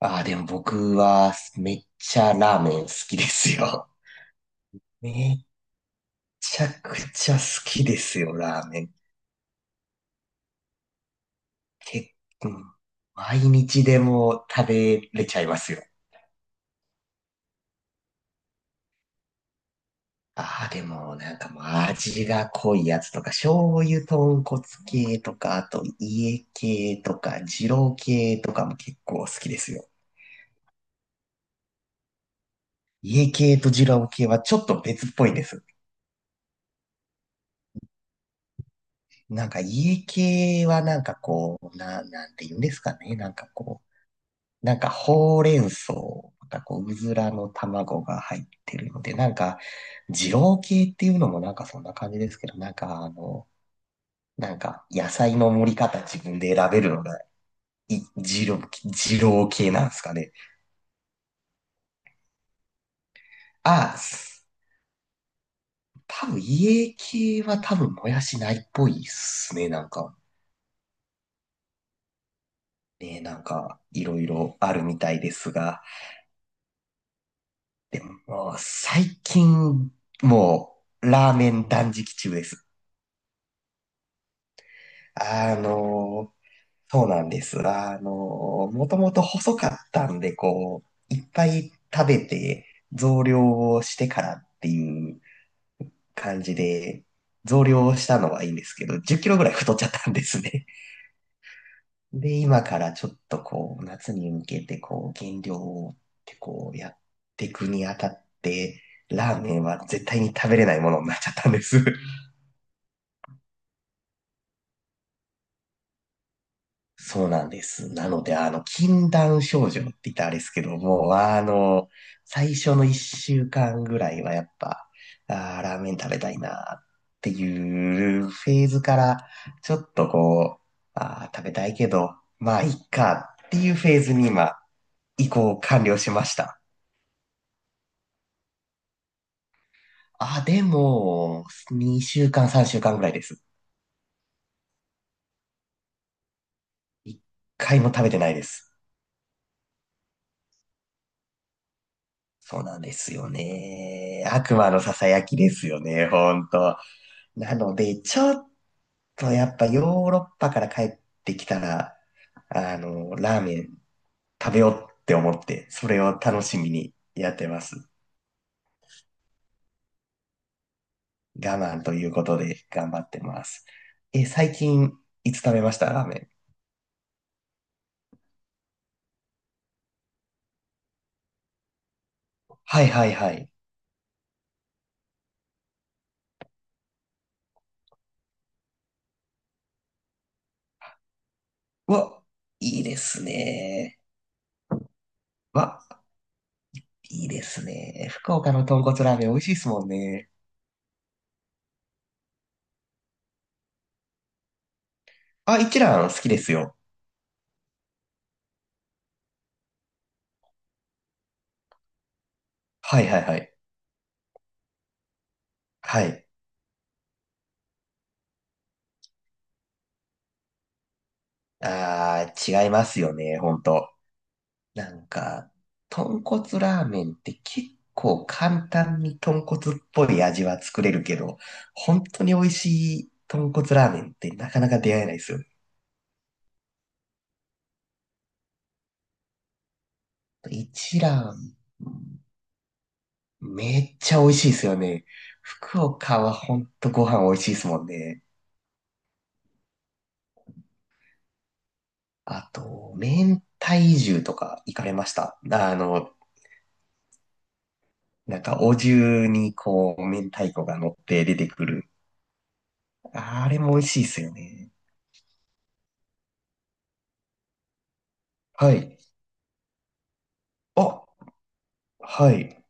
ああ、でも僕はめっちゃラーメン好きですよ。めっちゃくちゃ好きですよ、ラーメン。結構、毎日でも食べれちゃいますよ。ああ、でももう味が濃いやつとか、醤油豚骨系とか、あと家系とか、二郎系とかも結構好きですよ。家系と二郎系はちょっと別っぽいです。家系はなんて言うんですかね。ほうれん草、うずらの卵が入ってるので、二郎系っていうのもそんな感じですけど、野菜の盛り方自分で選べるのが、い、二郎、二郎系なんですかね。ああ、す多分家系は多分もやしないっぽいっすね。ね、いろいろあるみたいですが、もう最近、もラーメン断食中です。あのそうなんです。もともと細かったんで、いっぱい食べて増量をしてからっていう感じで、増量をしたのはいいんですけど、10キロぐらい太っちゃったんですね。で、今からちょっと夏に向けて減量をってこう、やっていくにあたって、ラーメンは絶対に食べれないものになっちゃったんです。そうなんです。なので、禁断症状って言ったらあれですけども、最初の一週間ぐらいはやっぱ、あーラーメン食べたいなっていうフェーズから、ちょっとこう、あー食べたいけど、まあ、いっかっていうフェーズに今、移行完了しました。あ、でも、2週間、3週間ぐらいです。1回も食べてないです。そうなんですよね。悪魔のささやきですよね、ほんと。なので、ちょっとやっぱヨーロッパから帰ってきたら、ラーメン食べようって思って、それを楽しみにやってます。我慢ということで頑張ってます。え、最近いつ食べましたラーメン。はいはいはい。うわ、いいですね。わ、いいですね。福岡の豚骨ラーメン美味しいですもんね。あ、一蘭好きですよ。はいはいはい。はい。あー、違いますよね、ほんと。なんか、豚骨ラーメンって結構簡単に豚骨っぽい味は作れるけど、本当に美味しい豚骨ラーメンってなかなか出会えないですよね。一蘭、めっちゃ美味しいですよね。福岡はほんとご飯美味しいですもんね。あと、明太重とか行かれました。お重にこう、明太子が乗って出てくる。あれも美味しいですよね。はい。あ、はい。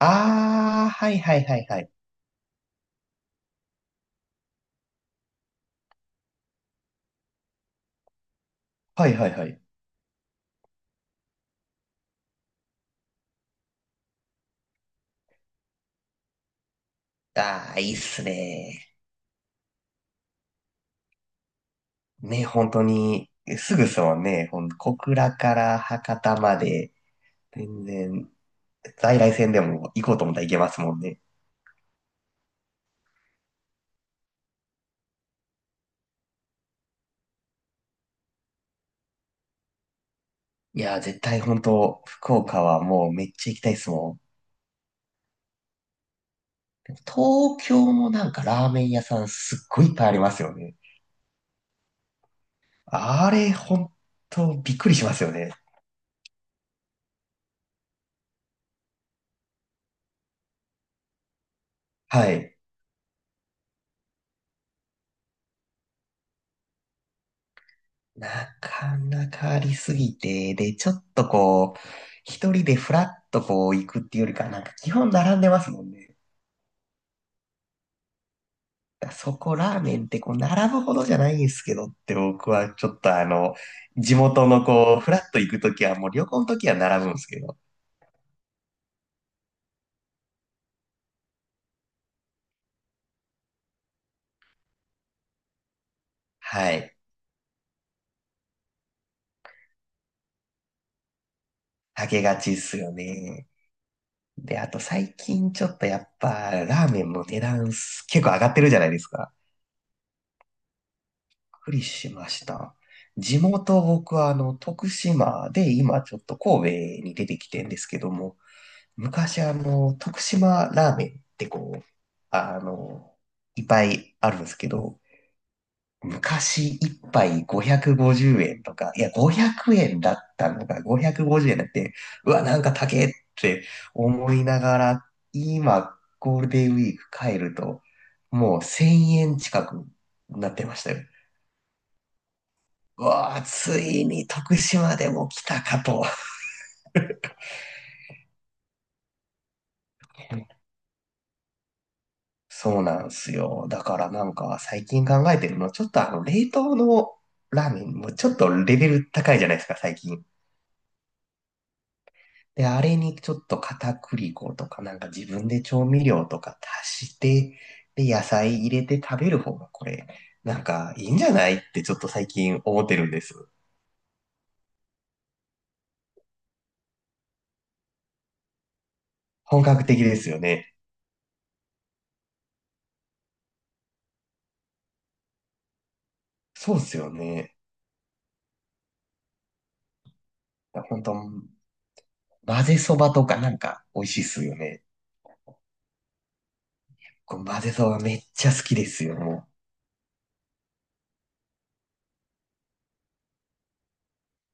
ああ、はいはいはいはい。はいはいはい。ああ、いいっすね。ね、本当に、すぐっすもんね。ほん、小倉から博多まで、全然、在来線でも行こうと思ったら行けますもんね。いやー、絶対本当、福岡はもうめっちゃ行きたいっすもん。東京もラーメン屋さんすっごいいっぱいありますよね。あれ、本当びっくりしますよね。はい。なかなかありすぎて、で、ちょっとこう、一人でフラッとこう行くっていうよりか、基本並んでますもんね。だからそこラーメンってこう、並ぶほどじゃないんですけどって僕はちょっと地元のこう、フラッと行くときはもう旅行のときは並ぶんですけど、はい。あげがちっすよね。で、あと最近ちょっとやっぱラーメンの値段結構上がってるじゃないですか。くりしました。地元、僕は徳島で、今ちょっと神戸に出てきてんですけども、昔徳島ラーメンってこう、あの、いっぱいあるんですけど、昔一杯550円とか、いや、500円だったのが550円だって、うわ、なんか高えって思いながら、今、ゴールデンウィーク帰ると、もう1000円近くなってましたよ。うわあ、ついに徳島でも来たかと。そうなんすよ。だからなんか最近考えてるの、ちょっとあの冷凍のラーメンもちょっとレベル高いじゃないですか、最近。で、あれにちょっと片栗粉とかなんか自分で調味料とか足して、で、野菜入れて食べる方がこれ、なんかいいんじゃないってちょっと最近思ってるんです。本格的ですよね。そうっすよね。本当混ぜそばとかなんか美味しいっすよね。こう混ぜそばめっちゃ好きですよ、もう。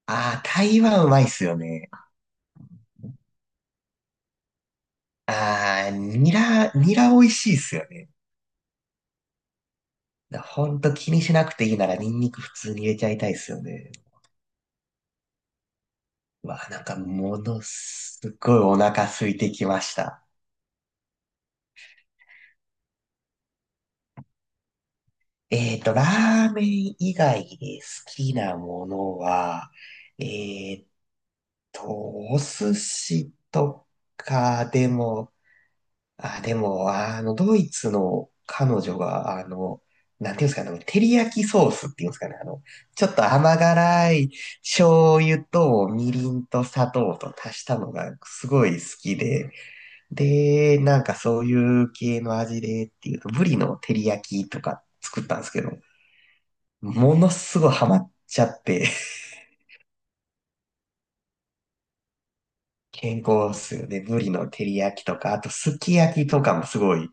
ああ、台湾うまいっすよね。ああ、ニラ、ニラ美味しいっすよね。だほんと気にしなくていいならニンニク普通に入れちゃいたいっすよね。わあ、なんかものすごいお腹空いてきました。ラーメン以外で好きなものは、えっと、お寿司とかでもあ、でも、ドイツの彼女が、なんていうんですかね、あの照り焼きソースっていうんですかね、ちょっと甘辛い醤油とみりんと砂糖と足したのがすごい好きで、で、そういう系の味でっていうと、ブリの照り焼きとか作ったんですけど、ものすごいハマっちゃって、健康っすよね。ブリの照り焼きとか、あとすき焼きとかもすごい好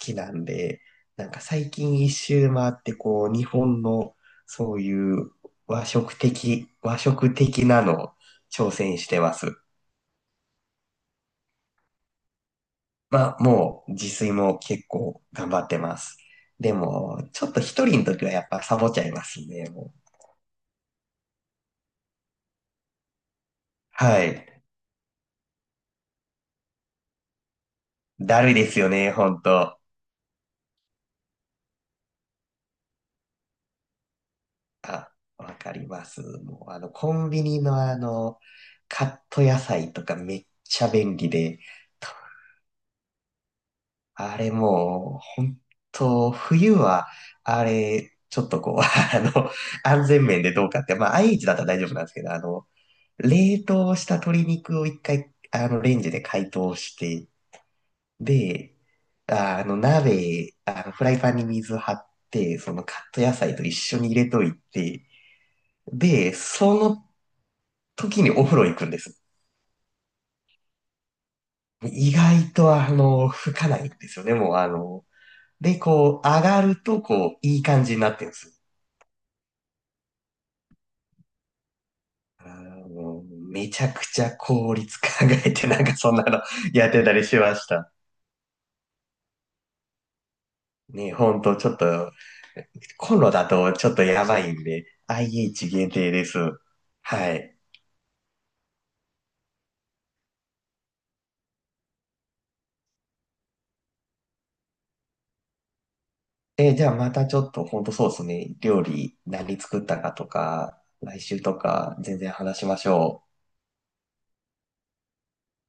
きなんで、なんか最近一周回ってこう、日本のそういう和食的、和食的なのを挑戦してます。まあもう自炊も結構頑張ってます。でも、ちょっと一人の時はやっぱサボっちゃいますね、もう。はい。だるいですよね、ほんと。あ、わかります。もう、コンビニのカット野菜とかめっちゃ便利で、あれもう、本当冬は、あれ、ちょっとこう、安全面でどうかって、まあ、IH だったら大丈夫なんですけど、冷凍した鶏肉を一回、レンジで解凍して、で、ああの、鍋、あの、フライパンに水張って、そのカット野菜と一緒に入れといて、で、その時にお風呂行くんです。意外と吹かないんですよね、もうあの、で、こう、上がると、こう、いい感じになってるんです。あのめちゃくちゃ効率考えて、なんかそんなの やってたりしました。ね、ほんと、ちょっと、コンロだとちょっとやばいんで、IH 限定です。はい。え、じゃあまたちょっと、ほんとそうですね、料理何作ったかとか、来週とか、全然話しましょう。